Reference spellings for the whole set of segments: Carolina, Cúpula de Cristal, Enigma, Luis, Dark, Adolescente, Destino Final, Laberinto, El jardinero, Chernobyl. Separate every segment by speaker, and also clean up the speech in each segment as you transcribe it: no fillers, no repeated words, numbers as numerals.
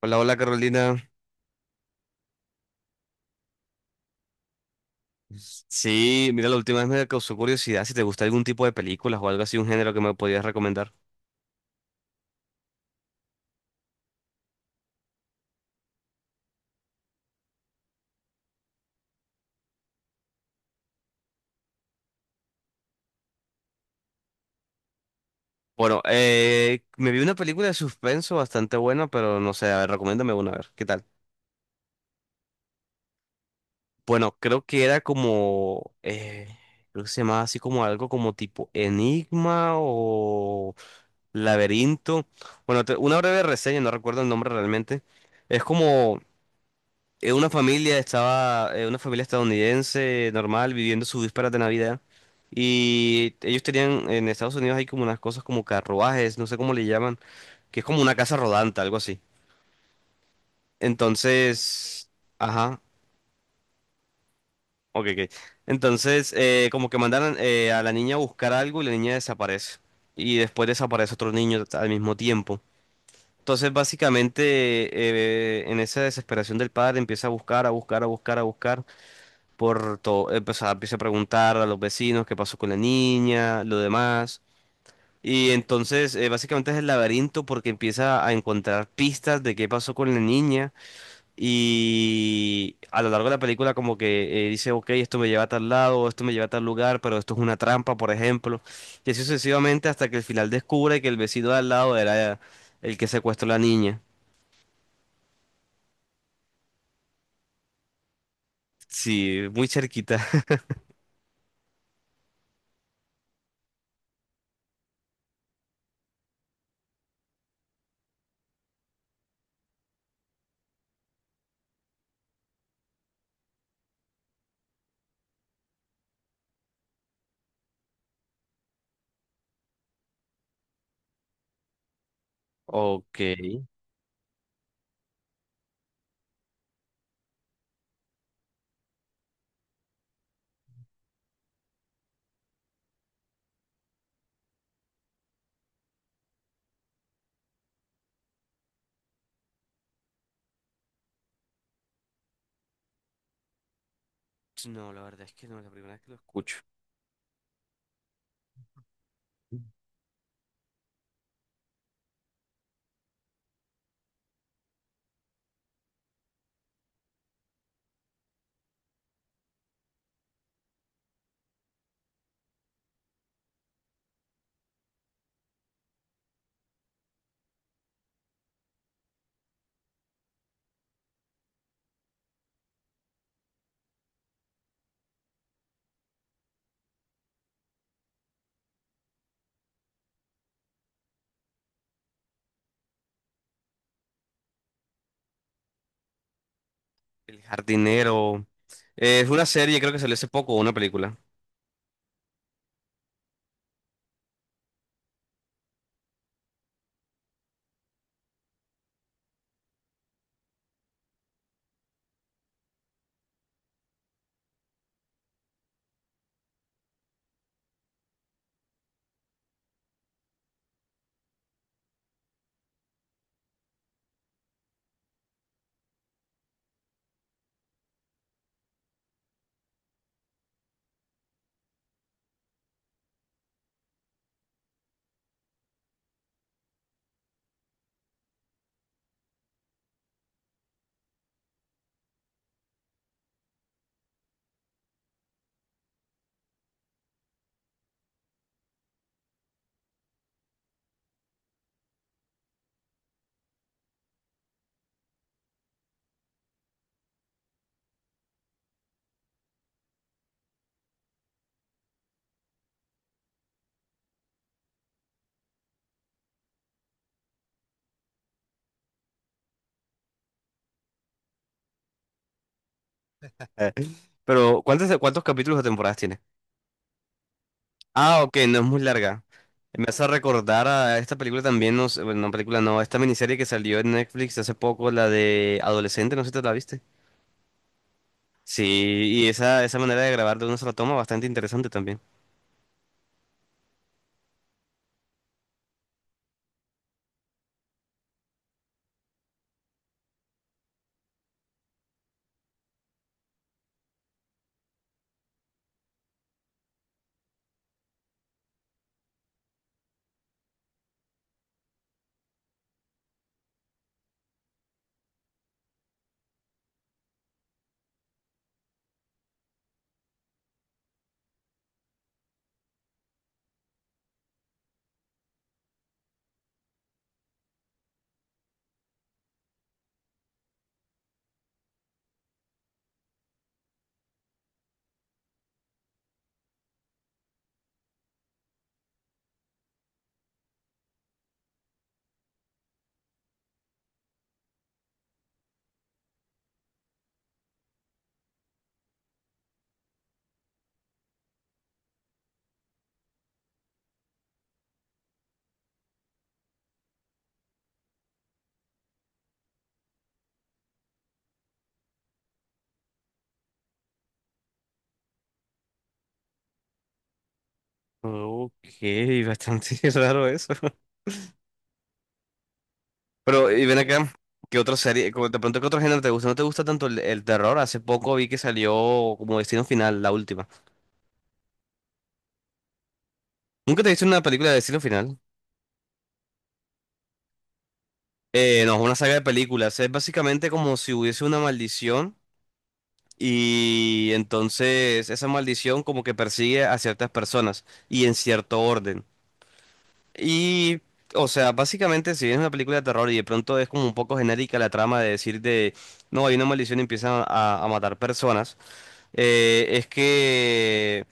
Speaker 1: Hola, hola Carolina. Sí, mira, la última vez me causó curiosidad si te gusta algún tipo de películas o algo así, un género que me podías recomendar. Bueno, me vi una película de suspenso bastante buena, pero no sé, a ver, recomiéndame una, a ver, ¿qué tal? Bueno, creo que era como, creo que se llamaba así como algo como tipo Enigma o Laberinto. Bueno, una breve reseña, no recuerdo el nombre realmente. Es como una familia estaba, una familia estadounidense normal viviendo sus vísperas de Navidad. Y ellos tenían, en Estados Unidos hay como unas cosas como carruajes, no sé cómo le llaman, que es como una casa rodante, algo así. Entonces, ajá, ok, ok. Entonces, como que mandaron a la niña a buscar algo y la niña desaparece. Y después desaparece otro niño al mismo tiempo. Entonces, básicamente, en esa desesperación del padre empieza a buscar, a buscar, a buscar, a buscar, por todo, empieza a preguntar a los vecinos qué pasó con la niña, lo demás. Y entonces, básicamente es el laberinto porque empieza a encontrar pistas de qué pasó con la niña. Y a lo largo de la película como que dice, ok, esto me lleva a tal lado, esto me lleva a tal lugar, pero esto es una trampa, por ejemplo. Y así sucesivamente hasta que al final descubre que el vecino de al lado era el que secuestró a la niña. Sí, muy cerquita. Ok. No, la verdad es que no, es la primera vez que lo escucho. El jardinero. Es una serie, creo que salió hace poco, una película. Eh, pero ¿cuántos, cuántos capítulos o temporadas tiene? Ah, ok, no es muy larga. Me hace recordar a esta película también, no sé, bueno, no película, no, esta miniserie que salió en Netflix hace poco, la de Adolescente, no sé si te la viste. Sí, y esa manera de grabar de una sola toma, bastante interesante también. Ok, bastante raro eso. Pero, y ven acá, ¿qué otra serie, como de pronto qué otro género te gusta? ¿No te gusta tanto el terror? Hace poco vi que salió como Destino Final, la última. ¿Nunca te viste una película de Destino Final? No, es una saga de películas. Es básicamente como si hubiese una maldición y entonces esa maldición como que persigue a ciertas personas y en cierto orden. Y, o sea, básicamente si bien es una película de terror y de pronto es como un poco genérica la trama de decir de, no, hay una maldición y empiezan a matar personas, es que...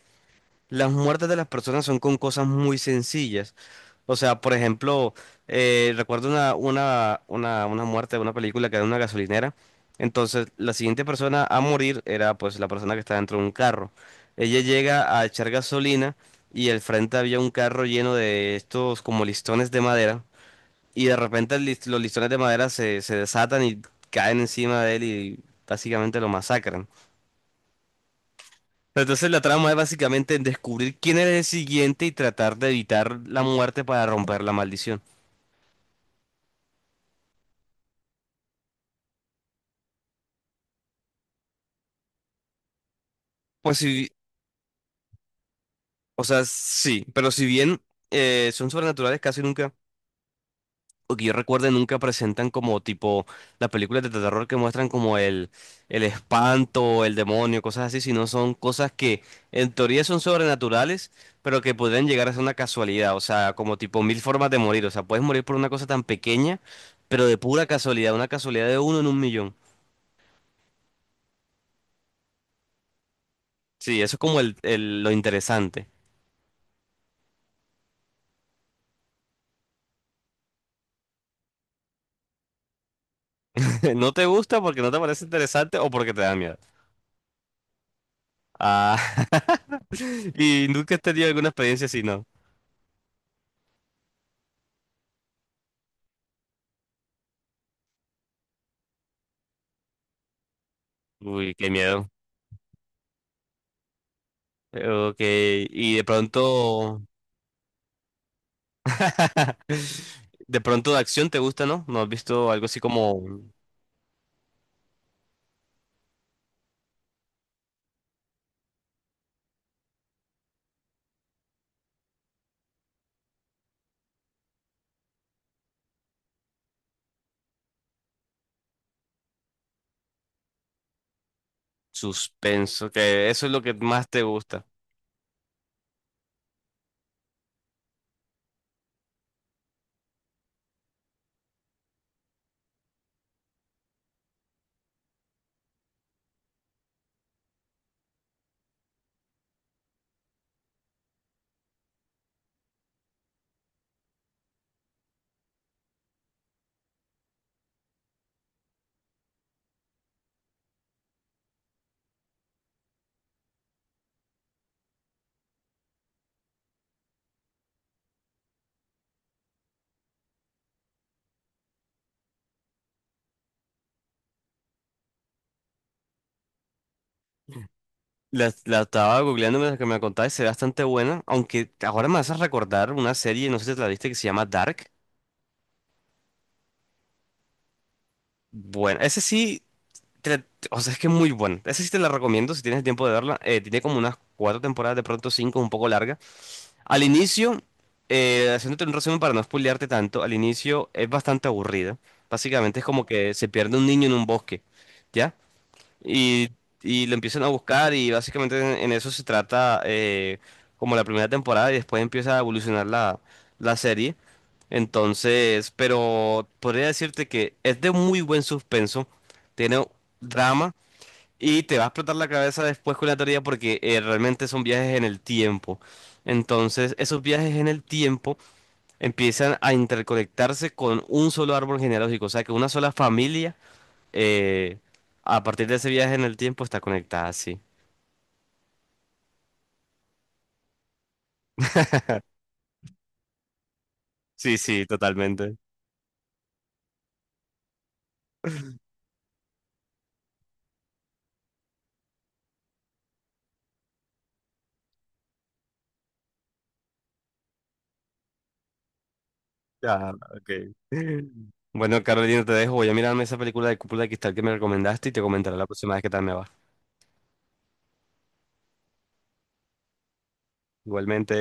Speaker 1: las muertes de las personas son con cosas muy sencillas. O sea, por ejemplo, recuerdo una muerte de una película que era en una gasolinera. Entonces, la siguiente persona a morir era pues la persona que estaba dentro de un carro. Ella llega a echar gasolina y al frente había un carro lleno de estos como listones de madera. Y de repente los listones de madera se desatan y caen encima de él y básicamente lo masacran. Entonces la trama es básicamente en descubrir quién es el siguiente y tratar de evitar la muerte para romper la maldición. Pues sí, o sea, sí, pero si bien son sobrenaturales casi nunca, o que yo recuerde nunca presentan como tipo las películas de terror que muestran como el espanto, el demonio, cosas así, sino son cosas que en teoría son sobrenaturales, pero que pueden llegar a ser una casualidad, o sea, como tipo mil formas de morir, o sea, puedes morir por una cosa tan pequeña, pero de pura casualidad, una casualidad de uno en un millón. Sí, eso es como lo interesante. No te gusta porque no te parece interesante o porque te da miedo. Ah, y nunca has tenido alguna experiencia así, ¿no? Uy, qué miedo. Ok, y de pronto, de pronto de acción te gusta, ¿no? ¿No has visto algo así como suspenso? Que eso es lo que más te gusta. La estaba googleando mientras que me la contabas, se ve bastante buena, aunque ahora me haces recordar una serie, no sé si te la viste, que se llama Dark. Bueno, ese sí te- o sea, es que es muy buena. Esa sí te la recomiendo si tienes el tiempo de verla. Tiene como unas cuatro temporadas, de pronto cinco, un poco larga. Al inicio, haciéndote un resumen para no spoilearte tanto, al inicio es bastante aburrida. Básicamente es como que se pierde un niño en un bosque, ¿ya? Y, y lo empiezan a buscar y básicamente en eso se trata como la primera temporada y después empieza a evolucionar la, la serie. Entonces, pero podría decirte que es de muy buen suspenso, tiene drama. Y te va a explotar la cabeza después con la teoría porque realmente son viajes en el tiempo. Entonces, esos viajes en el tiempo empiezan a interconectarse con un solo árbol genealógico. O sea, que una sola familia, eh, a partir de ese viaje en el tiempo, está conectada, sí. Sí, sí, totalmente. Ya, ok. Bueno, Carolina, te dejo. Voy a mirarme esa película de Cúpula de Cristal que me recomendaste y te comentaré la próxima vez qué tal me va. Igualmente.